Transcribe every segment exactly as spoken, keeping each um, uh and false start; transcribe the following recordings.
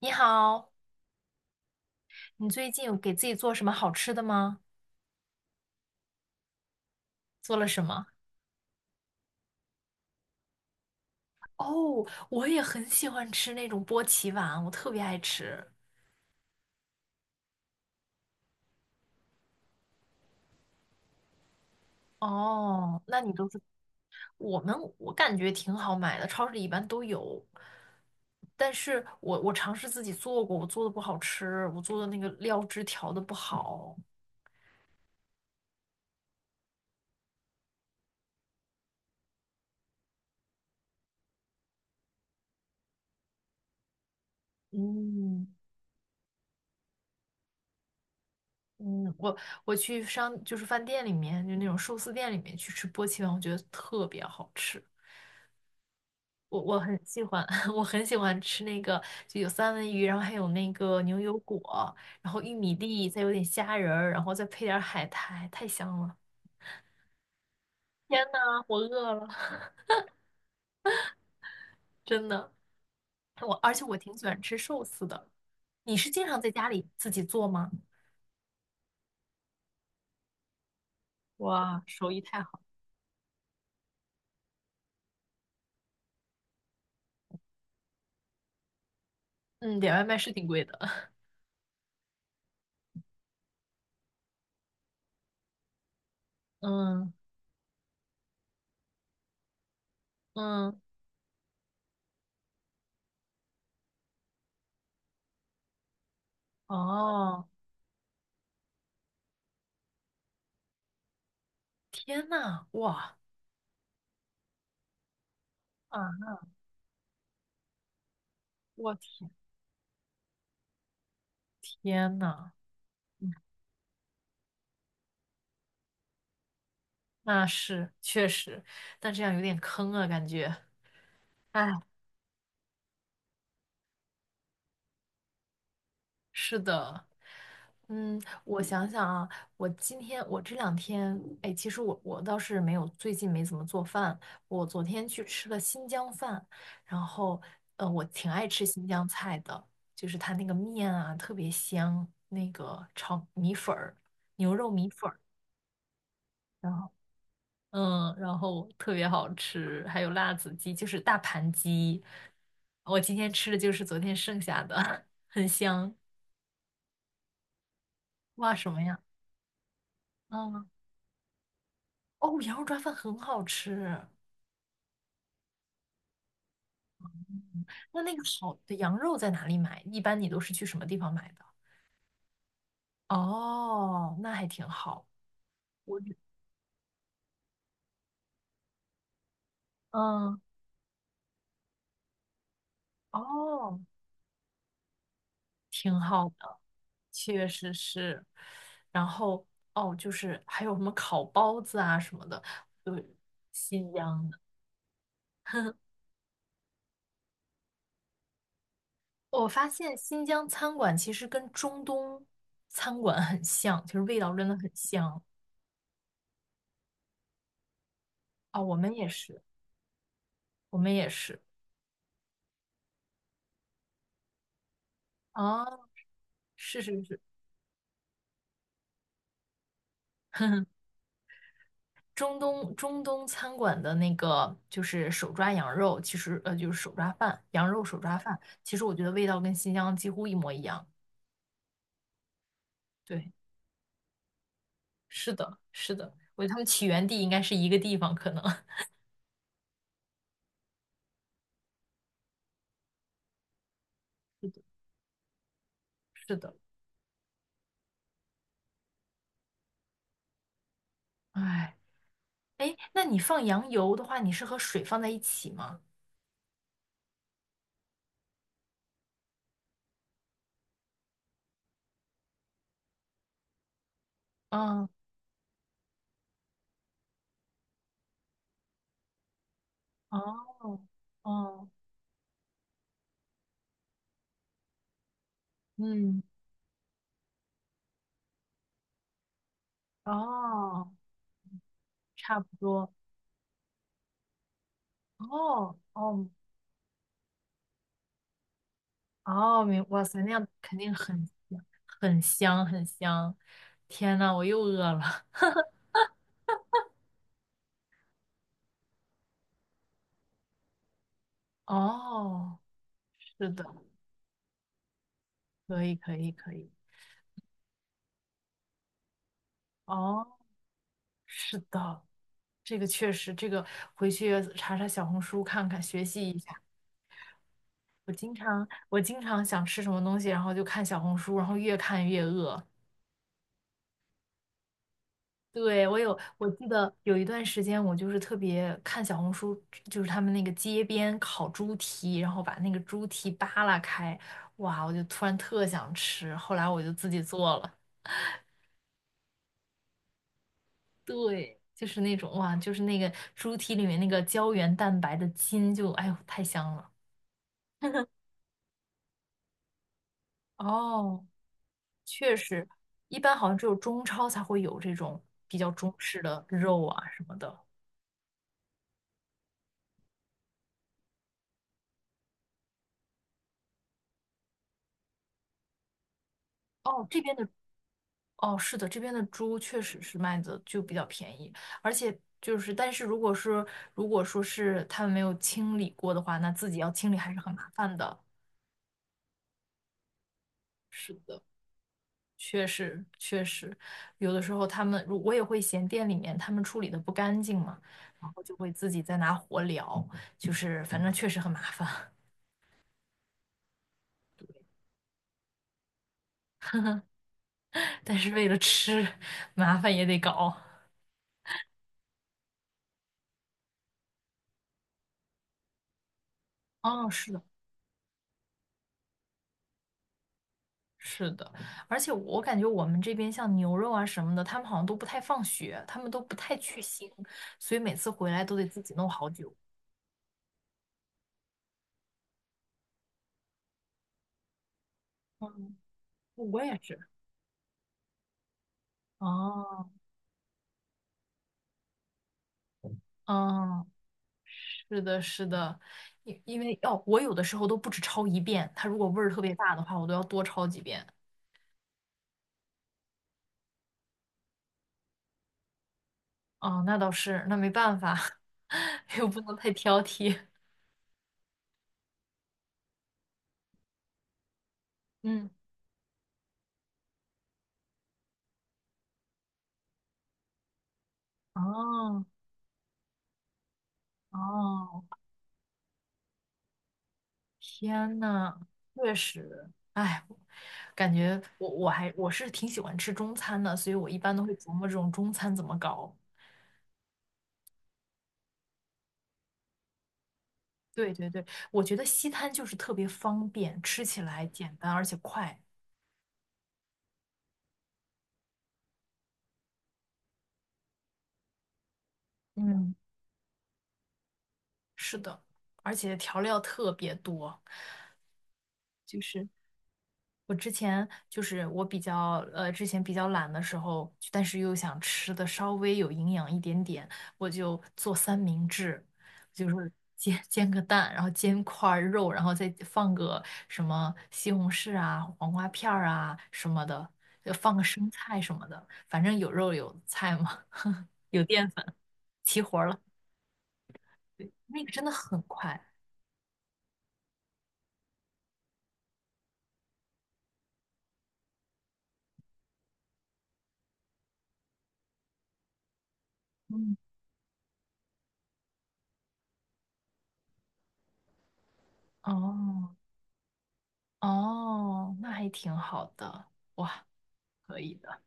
你好，你最近有给自己做什么好吃的吗？做了什么？哦，我也很喜欢吃那种波奇碗，我特别爱吃。哦，那你都是我们，我感觉挺好买的，超市里一般都有。但是我我尝试自己做过，我做的不好吃，我做的那个料汁调的不好。嗯嗯，我我去商就是饭店里面，就那种寿司店里面去吃波奇碗，我觉得特别好吃。我我很喜欢，我很喜欢吃那个，就有三文鱼，然后还有那个牛油果，然后玉米粒，再有点虾仁儿，然后再配点儿海苔，太香了！天呐，我饿了，真的。我而且我挺喜欢吃寿司的。你是经常在家里自己做吗？哇，手艺太好。嗯，点外卖是挺贵的。嗯嗯，哦，天呐，哇啊，我天，天呐！那是确实，但这样有点坑啊，感觉。哎，是的，嗯，我想想啊，我今天我这两天，哎，其实我我倒是没有，最近没怎么做饭。我昨天去吃了新疆饭，然后，呃，我挺爱吃新疆菜的，就是它那个面啊特别香，那个炒米粉儿、牛肉米粉儿。然后。嗯，然后特别好吃，还有辣子鸡，就是大盘鸡。我今天吃的就是昨天剩下的，很香。哇，什么呀？嗯，哦，羊肉抓饭很好吃。嗯那那个好的羊肉在哪里买？一般你都是去什么地方买的？哦，那还挺好。我觉嗯，哦，挺好的，确实是。然后哦，就是还有什么烤包子啊什么的，对，新疆。的。我发现新疆餐馆其实跟中东餐馆很像，其实味道真的很像啊、我们也是，我们也是啊，是是是，中东中东餐馆的那个就是手抓羊肉，其实呃就是手抓饭，羊肉手抓饭，其实我觉得味道跟新疆几乎一模一样。对，是的，是的，我觉得他们起源地应该是一个地方，可能 是的，是的，哎哎，那你放羊油的话，你是和水放在一起吗？嗯。哦，哦，嗯，哦，差不多，哦，哦，哦，明，哇塞，那样肯定很很香，很香。天呐，我又饿了。哦，是的，可以，可以，可以。哦，是的，这个确实，这个回去查查小红书看看，学习一下。我经常想吃什么东西，然后就看小红书，然后越看越饿。对，我有，我记得有一段时间，我就是特别看小红书，就是他们那个街边烤猪蹄，然后把那个猪蹄扒拉开，哇，我就突然特想吃，后来我就自己做了。对，就是那种哇，就是那个猪蹄里面那个胶原蛋白的筋就，哎呦，太香了 哦，确实，一般好像只有中超才会有这种比较中式的肉啊什么的。哦，这边的哦，是的，这边的猪确实是卖的就比较便宜，而且就是，但是如果是如果说是他们没有清理过的话，那自己要清理还是很麻烦的。是的，确实确实，有的时候他们，如我也会嫌店里面他们处理的不干净嘛，然后就会自己再拿火燎，就是反正确实很麻烦，但是为了吃，麻烦也得搞。哦，是的。是的，而且我感觉我们这边像牛肉啊什么的，他们好像都不太放血，他们都不太去腥，所以每次回来都得自己弄好久。嗯，我也是。哦，嗯，是的，是的，因因为哦，我有的时候都不止焯一遍，它如果味儿特别大的话，我都要多焯几遍。哦，那倒是，那没办法，又不能太挑剔。嗯，哦，哦。天呐，确实，哎，感觉我我还我是挺喜欢吃中餐的，所以我一般都会琢磨这种中餐怎么搞。对对对，我觉得西餐就是特别方便，吃起来简单而且快。嗯，是的，而且调料特别多。就是我之前就是我比较呃，之前比较懒的时候，但是又想吃的稍微有营养一点点，我就做三明治，就是煎煎个蛋，然后煎块儿肉，然后再放个什么西红柿啊、黄瓜片儿啊什么的，就放个生菜什么的，反正有肉有菜嘛，有淀粉，齐活儿了。对，那个真的很快。嗯，哦哦，那还挺好的，哇，可以的。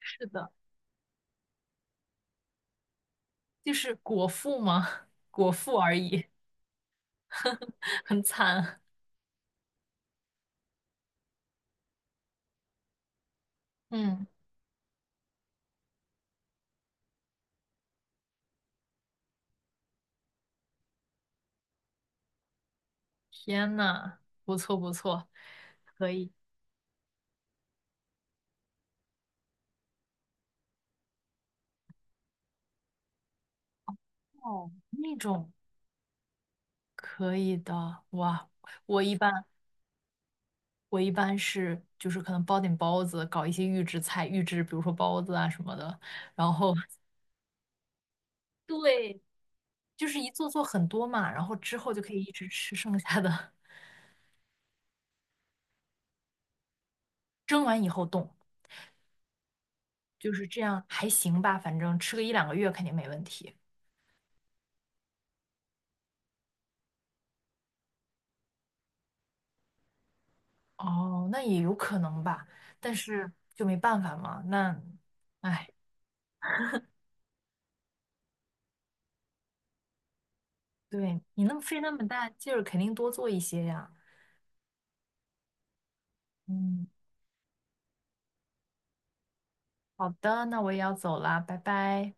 是的。就是果腹吗？果腹而已，很惨。嗯，天呐，不错不错，可以。哦，那种可以的。哇，我一般我一般是就是可能包点包子，搞一些预制菜，预制比如说包子啊什么的，然后 对，就是一做做很多嘛，然后之后就可以一直吃剩下的，蒸完以后冻，就是这样还行吧，反正吃个一两个月肯定没问题。哦，那也有可能吧，但是就没办法嘛。那，哎，对，你那么费那么大劲儿，肯定多做一些呀。嗯，好的，那我也要走啦，拜拜。